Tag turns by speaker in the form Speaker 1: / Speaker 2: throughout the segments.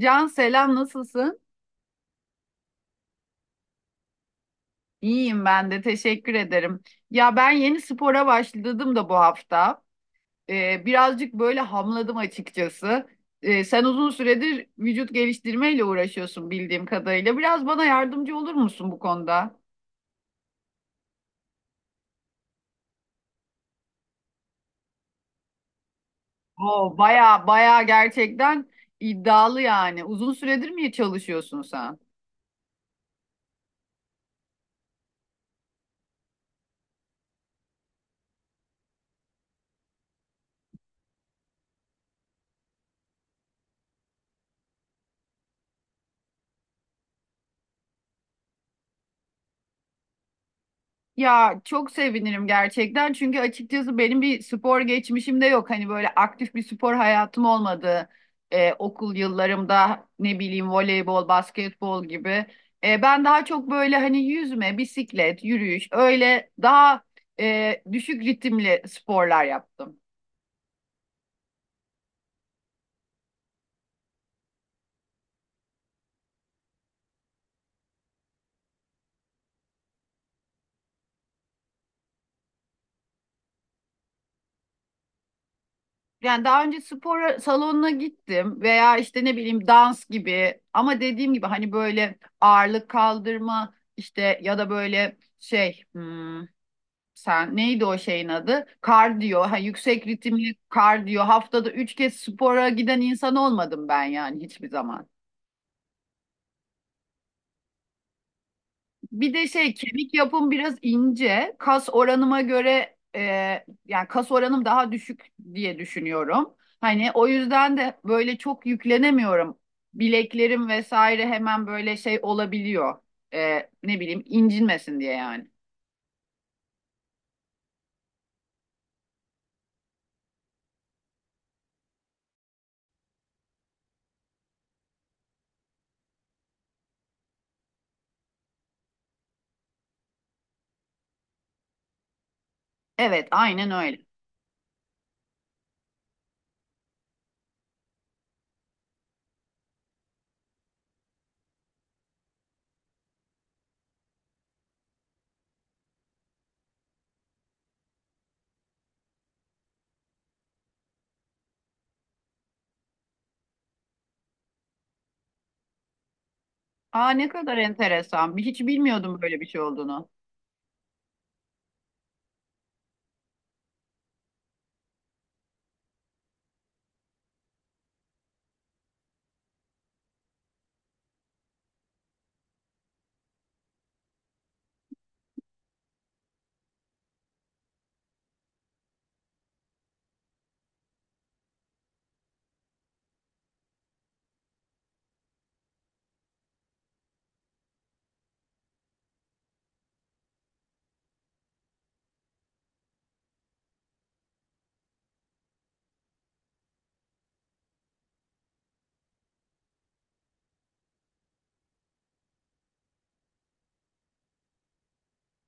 Speaker 1: Can, selam, nasılsın? İyiyim ben de teşekkür ederim. Ya ben yeni spora başladım da bu hafta. Birazcık böyle hamladım açıkçası. Sen uzun süredir vücut geliştirmeyle uğraşıyorsun bildiğim kadarıyla. Biraz bana yardımcı olur musun bu konuda? Oo, baya baya gerçekten iddialı yani. Uzun süredir mi çalışıyorsun sen? Ya çok sevinirim gerçekten çünkü açıkçası benim bir spor geçmişim de yok. Hani böyle aktif bir spor hayatım olmadı. Okul yıllarımda ne bileyim voleybol, basketbol gibi. Ben daha çok böyle hani yüzme, bisiklet, yürüyüş öyle daha düşük ritimli sporlar yaptım. Yani daha önce spor salonuna gittim veya işte ne bileyim dans gibi ama dediğim gibi hani böyle ağırlık kaldırma işte ya da böyle şey, sen. Neydi o şeyin adı? Kardiyo. Ha, yüksek ritimli kardiyo. Haftada üç kez spora giden insan olmadım ben yani hiçbir zaman. Bir de şey kemik yapım biraz ince. Kas oranıma göre yani kas oranım daha düşük diye düşünüyorum. Hani o yüzden de böyle çok yüklenemiyorum. Bileklerim vesaire hemen böyle şey olabiliyor. Ne bileyim incinmesin diye yani. Evet aynen öyle. Aa, ne kadar enteresan. Hiç bilmiyordum böyle bir şey olduğunu.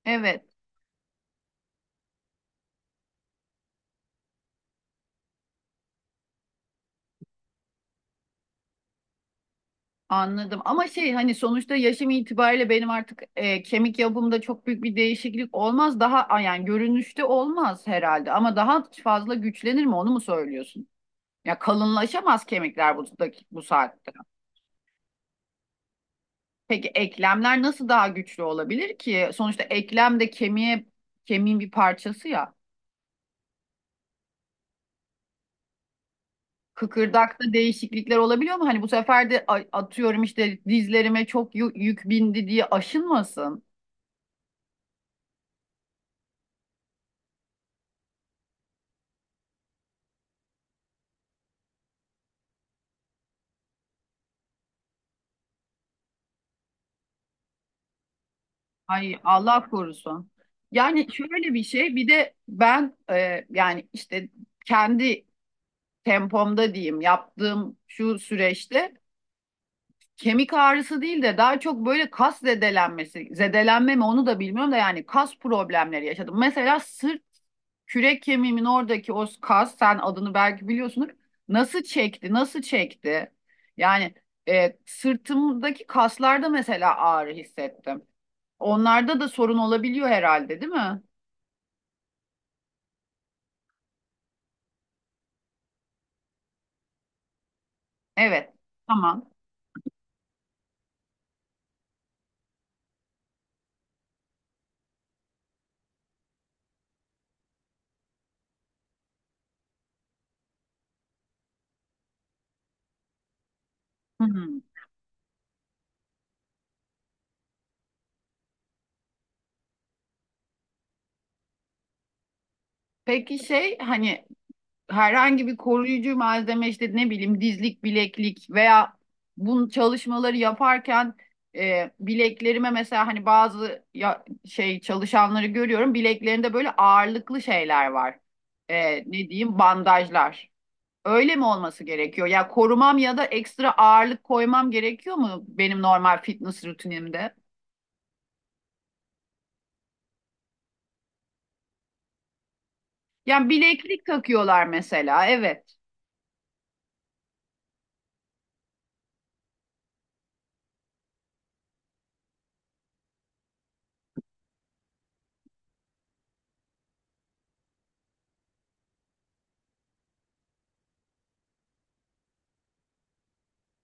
Speaker 1: Evet, anladım. Ama şey hani sonuçta yaşım itibariyle benim artık kemik yapımda çok büyük bir değişiklik olmaz. Daha yani görünüşte olmaz herhalde ama daha fazla güçlenir mi onu mu söylüyorsun? Ya kalınlaşamaz kemikler bu, bu saatte. Peki eklemler nasıl daha güçlü olabilir ki? Sonuçta eklem de kemiğe kemiğin bir parçası ya. Kıkırdakta değişiklikler olabiliyor mu? Hani bu sefer de atıyorum işte dizlerime çok yük bindi diye aşınmasın. Ay, Allah korusun. Yani şöyle bir şey bir de ben yani işte kendi tempomda diyeyim yaptığım şu süreçte kemik ağrısı değil de daha çok böyle kas zedelenmesi, zedelenme mi onu da bilmiyorum da yani kas problemleri yaşadım. Mesela sırt kürek kemiğimin oradaki o kas sen adını belki biliyorsunuz nasıl çekti nasıl çekti yani sırtımdaki kaslarda mesela ağrı hissettim. Onlarda da sorun olabiliyor herhalde, değil mi? Evet. Tamam. Hı hı. Peki şey hani herhangi bir koruyucu malzeme işte ne bileyim dizlik, bileklik veya bu çalışmaları yaparken bileklerime mesela hani bazı ya, şey çalışanları görüyorum bileklerinde böyle ağırlıklı şeyler var. Ne diyeyim bandajlar. Öyle mi olması gerekiyor? Ya korumam ya da ekstra ağırlık koymam gerekiyor mu benim normal fitness rutinimde? Yani bileklik takıyorlar mesela. Evet.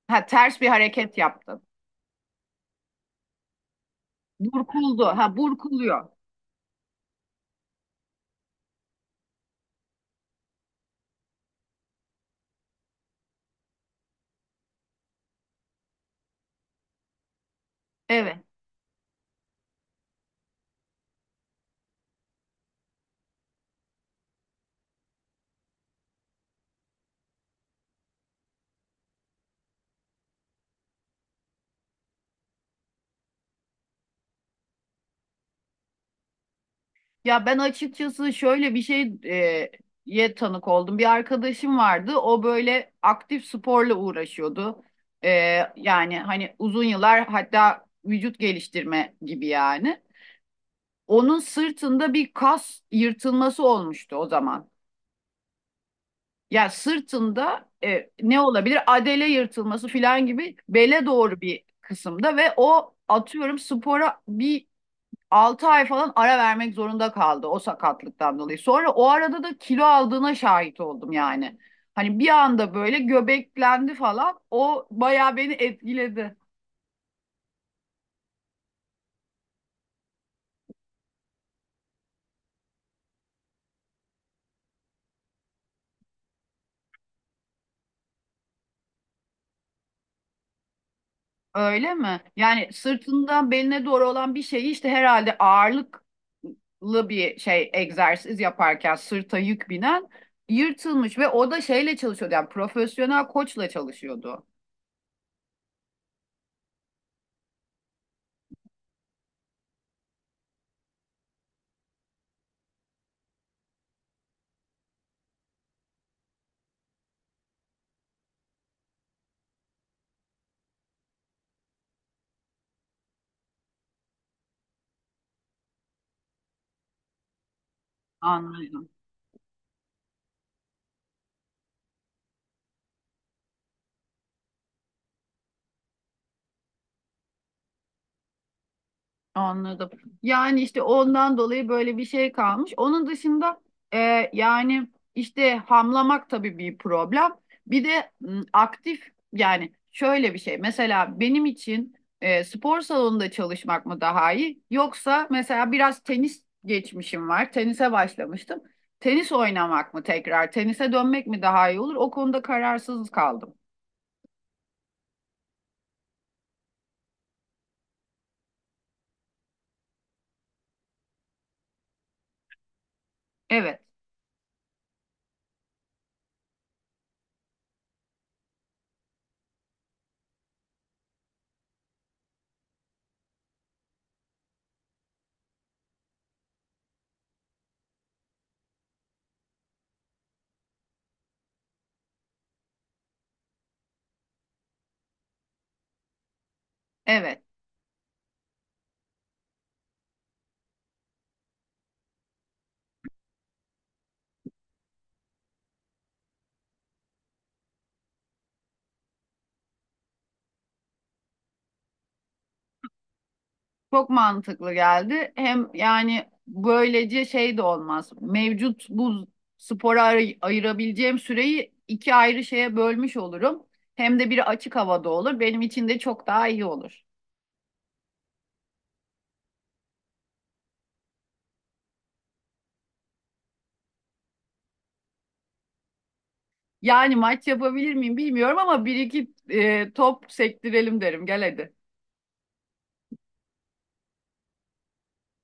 Speaker 1: Ha, ters bir hareket yaptın. Burkuldu. Ha, burkuluyor. Evet. Ya ben açıkçası şöyle bir şey ye tanık oldum. Bir arkadaşım vardı. O böyle aktif sporla uğraşıyordu. E, Yani hani uzun yıllar hatta vücut geliştirme gibi yani. Onun sırtında bir kas yırtılması olmuştu o zaman. Yani sırtında ne olabilir? Adele yırtılması falan gibi bele doğru bir kısımda ve o atıyorum spora bir 6 ay falan ara vermek zorunda kaldı o sakatlıktan dolayı. Sonra o arada da kilo aldığına şahit oldum yani. Hani bir anda böyle göbeklendi falan. O bayağı beni etkiledi. Öyle mi? Yani sırtından beline doğru olan bir şeyi işte herhalde ağırlıklı bir şey egzersiz yaparken sırta yük binen yırtılmış ve o da şeyle çalışıyordu yani profesyonel koçla çalışıyordu. Anladım. Anladım. Yani işte ondan dolayı böyle bir şey kalmış. Onun dışında yani işte hamlamak tabii bir problem. Bir de aktif yani şöyle bir şey. Mesela benim için spor salonunda çalışmak mı daha iyi? Yoksa mesela biraz tenis geçmişim var. Tenise başlamıştım. Tenis oynamak mı tekrar? Tenise dönmek mi daha iyi olur? O konuda kararsız kaldım. Evet, evet. Çok mantıklı geldi. Hem yani böylece şey de olmaz. Mevcut bu spora ayırabileceğim süreyi iki ayrı şeye bölmüş olurum. Hem de biri açık havada olur. Benim için de çok daha iyi olur. Yani maç yapabilir miyim bilmiyorum ama bir iki top sektirelim derim. Gel hadi.